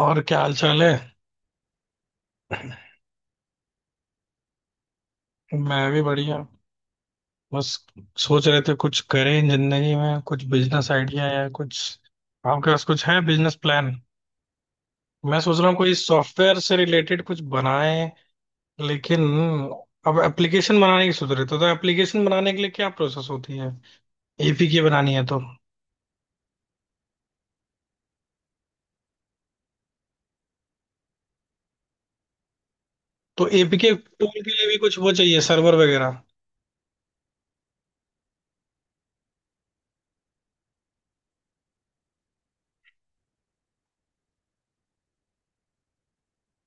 और क्या हाल चाल है। मैं भी बढ़िया। बस सोच रहे थे कुछ करें जिंदगी में, कुछ बिजनेस आइडिया या कुछ। आपके पास कुछ है बिजनेस प्लान? मैं सोच रहा हूँ कोई सॉफ्टवेयर से रिलेटेड कुछ बनाएं। लेकिन अब एप्लीकेशन बनाने की सोच रहे थे, तो एप्लीकेशन बनाने के लिए क्या प्रोसेस होती है? एपीके बनानी है तो। तो एपीके टूल के लिए भी कुछ वो चाहिए, सर्वर वगैरह।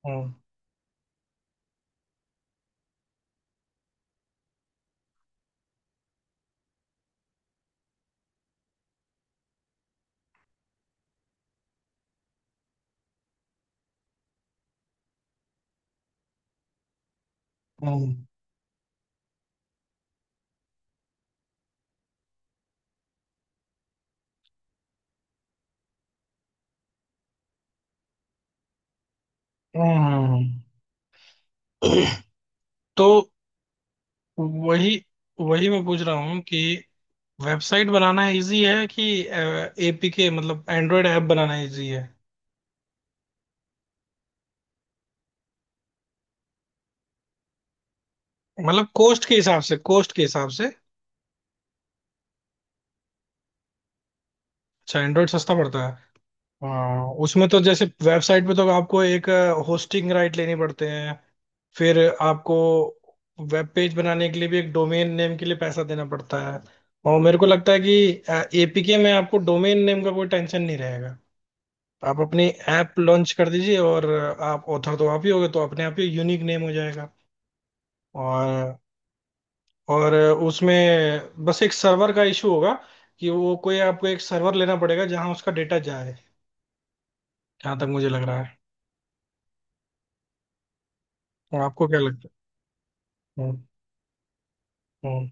हम्म। हम्म। हम्म। हम्म, हम्म। तो वही वही मैं पूछ रहा हूँ कि वेबसाइट बनाना इजी है कि एपीके मतलब एंड्रॉयड ऐप बनाना इजी है। मतलब कॉस्ट के हिसाब से। अच्छा, एंड्रॉयड सस्ता पड़ता है। हाँ, उसमें तो जैसे वेबसाइट पे तो आपको एक होस्टिंग राइट लेने पड़ते हैं। फिर आपको वेब पेज बनाने के लिए भी एक डोमेन नेम के लिए पैसा देना पड़ता है। और मेरे को लगता है कि एपीके में आपको डोमेन नेम का कोई टेंशन नहीं रहेगा। आप अपनी ऐप लॉन्च कर दीजिए, और आप ऑथर तो आप ही होगे तो अपने आप ही यूनिक नेम हो जाएगा। और और उसमें बस एक सर्वर का इशू होगा कि वो कोई आपको एक सर्वर लेना पड़ेगा जहां उसका डेटा जाए, जहां तक मुझे लग रहा है। और आपको क्या लगता है? हम्म।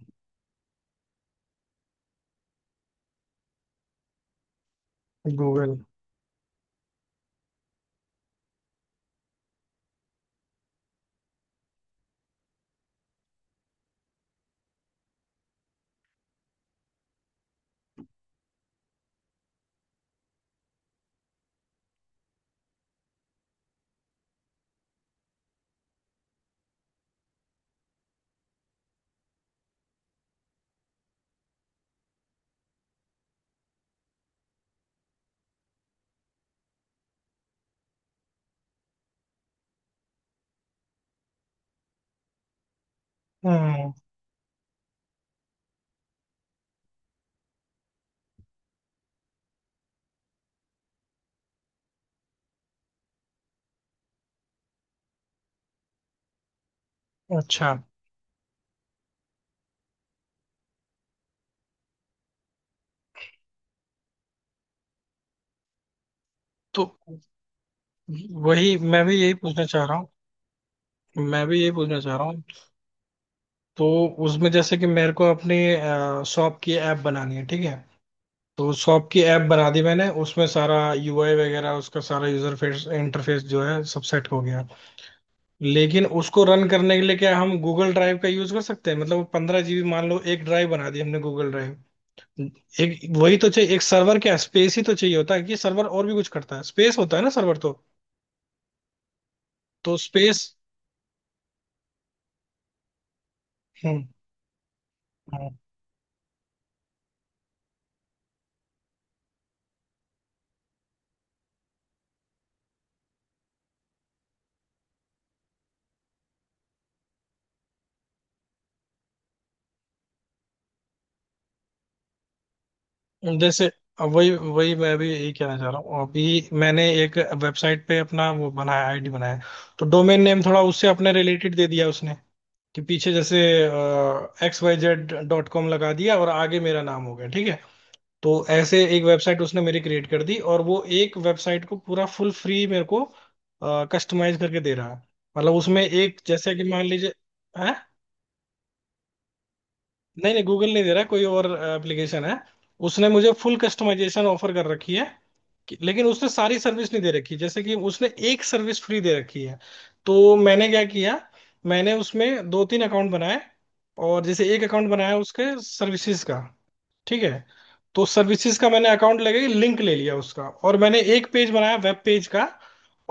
गूगल। हम्म। अच्छा। तो वही मैं भी यही पूछना चाह रहा हूँ। मैं भी यही पूछना चाह रहा हूँ। तो उसमें जैसे कि मेरे को अपनी शॉप की ऐप बनानी है, ठीक है? तो शॉप की ऐप बना दी मैंने, उसमें सारा यूआई वगैरह, उसका सारा यूजर फेस इंटरफेस जो है सब सेट हो गया। लेकिन उसको रन करने के लिए क्या हम गूगल ड्राइव का यूज कर सकते हैं? मतलब 15 GB मान लो, एक ड्राइव बना दी हमने गूगल ड्राइव। एक वही तो चाहिए, एक सर्वर, क्या स्पेस ही तो चाहिए होता है कि सर्वर और भी कुछ करता है? स्पेस होता है ना सर्वर तो। तो स्पेस। हम्म। हम्म। जैसे अब वही वही मैं भी यही कहना चाह रहा हूँ, अभी मैंने एक वेबसाइट पे अपना वो बनाया, आईडी बनाया। तो डोमेन नेम थोड़ा उससे अपने रिलेटेड दे दिया उसने, कि पीछे जैसे X Y Z dot com लगा दिया और आगे मेरा नाम हो गया, ठीक है? तो ऐसे एक वेबसाइट उसने मेरी क्रिएट कर दी, और वो एक वेबसाइट को पूरा फुल फ्री मेरे को कस्टमाइज करके दे रहा है। मतलब उसमें एक जैसे कि मान लीजिए है। नहीं नहीं, गूगल नहीं दे रहा है, कोई और एप्लीकेशन है। उसने मुझे फुल कस्टमाइजेशन ऑफर कर रखी है। लेकिन उसने सारी सर्विस नहीं दे रखी, जैसे कि उसने एक सर्विस फ्री दे रखी है। तो मैंने क्या किया, मैंने उसमें दो तीन अकाउंट बनाए। और जैसे एक अकाउंट बनाया उसके सर्विसेज का, ठीक है? तो सर्विसेज का मैंने अकाउंट लेके लिंक ले लिया उसका, और मैंने एक पेज बनाया वेब पेज का।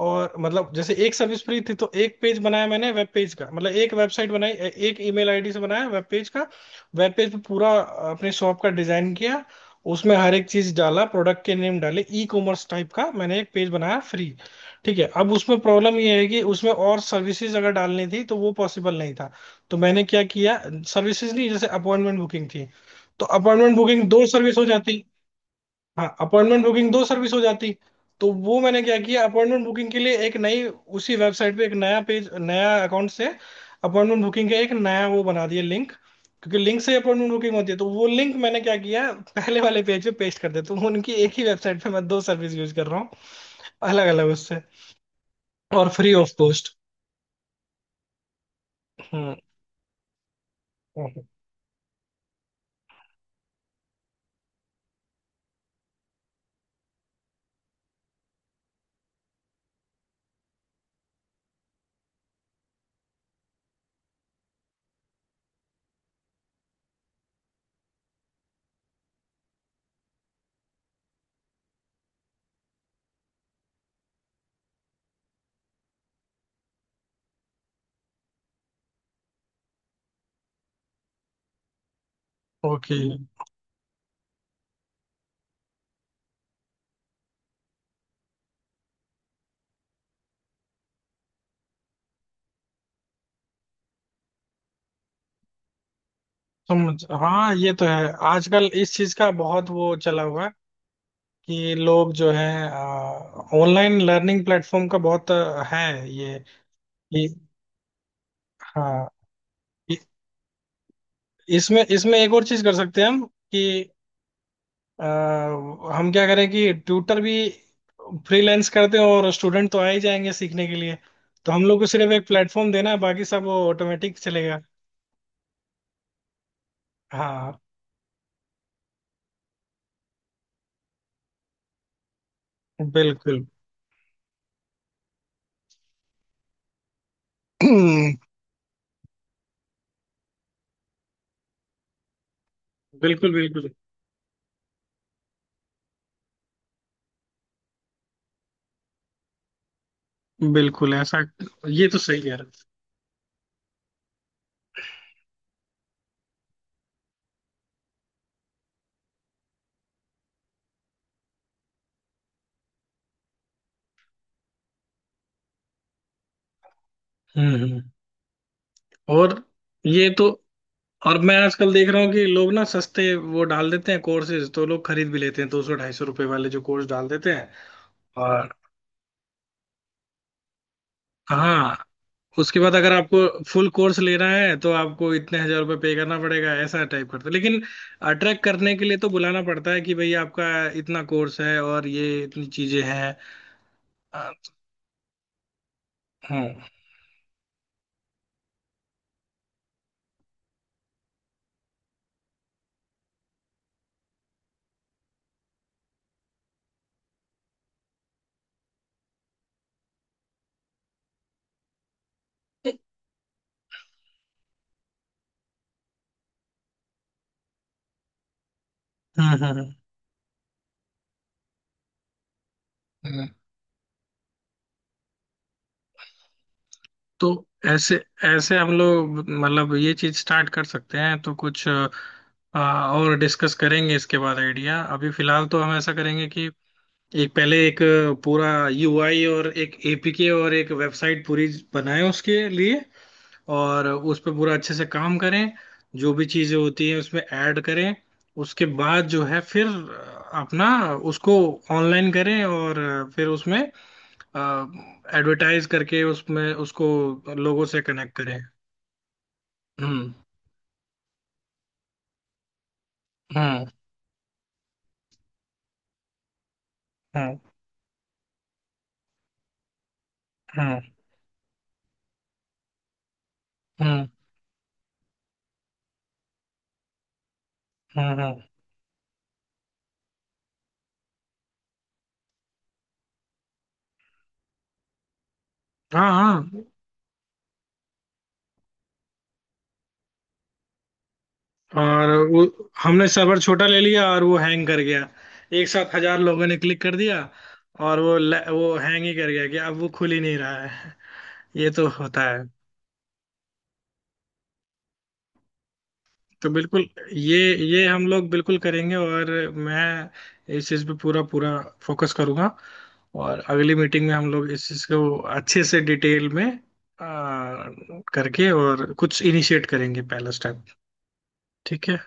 और मतलब जैसे एक सर्विस फ्री थी तो एक पेज बनाया मैंने वेब पेज का, मतलब एक वेबसाइट बनाई एक ईमेल आईडी से, बनाया वेब पेज का। वेब पेज पे पूरा अपने शॉप का डिजाइन किया, उसमें हर एक चीज डाला, प्रोडक्ट के नेम डाले, ई कॉमर्स टाइप का मैंने एक पेज बनाया फ्री। ठीक है, अब उसमें प्रॉब्लम ये है कि उसमें और सर्विसेज अगर डालनी थी तो वो पॉसिबल नहीं था। तो मैंने क्या किया, सर्विसेज नहीं, जैसे अपॉइंटमेंट बुकिंग थी, तो अपॉइंटमेंट बुकिंग दो सर्विस हो जाती। हाँ, अपॉइंटमेंट बुकिंग दो सर्विस हो जाती। तो वो मैंने क्या किया, अपॉइंटमेंट बुकिंग के लिए एक नई, उसी वेबसाइट पे एक नया पेज, नया अकाउंट से अपॉइंटमेंट बुकिंग का एक नया वो बना दिया लिंक। क्योंकि लिंक से अपॉइंटमेंट बुकिंग होती है, तो वो लिंक मैंने क्या किया, पहले वाले पेज पे पेस्ट कर दिया, तो उनकी एक ही वेबसाइट पे मैं दो सर्विस यूज कर रहा हूँ, अलग अलग उससे, और free of cost. Hmm. Okay, समझ। हाँ, ये तो है, आजकल इस चीज का बहुत वो चला हुआ है, कि लोग जो है, ऑनलाइन लर्निंग प्लेटफॉर्म का बहुत है ये। ये- हाँ। इ- इसमें इसमें एक और चीज कर सकते हैं हम कि, अ, हम क्या करें कि ट्यूटर भी फ्रीलांस करते हैं और स्टूडेंट तो आ ही जाएंगे सीखने के लिए। तो हम लोग को सिर्फ एक प्लेटफॉर्म देना है, बाकी सब वो ऑटोमेटिक चलेगा। हाँ, बिल्कुल। बिल्कुल बिल्कुल। बिल्कुल ऐसा। ये तो सही कह रहे हो। हम्म, और ये तो। और मैं आजकल देख रहा हूँ कि लोग ना सस्ते वो डाल देते हैं कोर्सेज, तो लोग खरीद भी लेते हैं, 200 250 रुपए वाले जो कोर्स डाल देते हैं। और हाँ, उसके बाद अगर आपको फुल कोर्स लेना है तो आपको इतने हजार रुपये पे करना पड़ेगा, ऐसा टाइप करते हैं। लेकिन अट्रैक्ट करने के लिए तो बुलाना पड़ता है, कि भाई आपका इतना कोर्स है और ये इतनी चीजें हैं। अ, हम्म। हम्म। हम्म। तो ऐसे ऐसे हम लोग मतलब ये चीज स्टार्ट कर सकते हैं, तो कुछ और डिस्कस करेंगे इसके बाद आइडिया। अभी फिलहाल तो हम ऐसा करेंगे कि एक पहले एक पूरा यूआई और एक एपीके और एक वेबसाइट पूरी बनाएं उसके लिए, और उस पर पूरा अच्छे से काम करें, जो भी चीजें होती हैं उसमें ऐड करें। उसके बाद जो है फिर अपना उसको ऑनलाइन करें, और फिर उसमें एडवर्टाइज करके उसमें उसको लोगों से कनेक्ट करें। हम्म। हम्म। हम्म। हम्म। हम्म। हम्म, हम्म। हाँ हाँ, और वो हमने सर्वर छोटा ले लिया और वो हैंग कर गया, एक साथ हजार लोगों ने क्लिक कर दिया, और वो हैंग ही कर गया कि अब वो खुल ही नहीं रहा है। ये तो होता है। तो बिल्कुल, ये हम लोग बिल्कुल करेंगे, और मैं इस चीज़ पे पूरा पूरा फोकस करूंगा। और अगली मीटिंग में हम लोग इस चीज़ को अच्छे से डिटेल में आ, करके और कुछ इनिशिएट करेंगे, पहला स्टेप। ठीक है।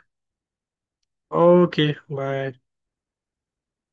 ओके। बाय।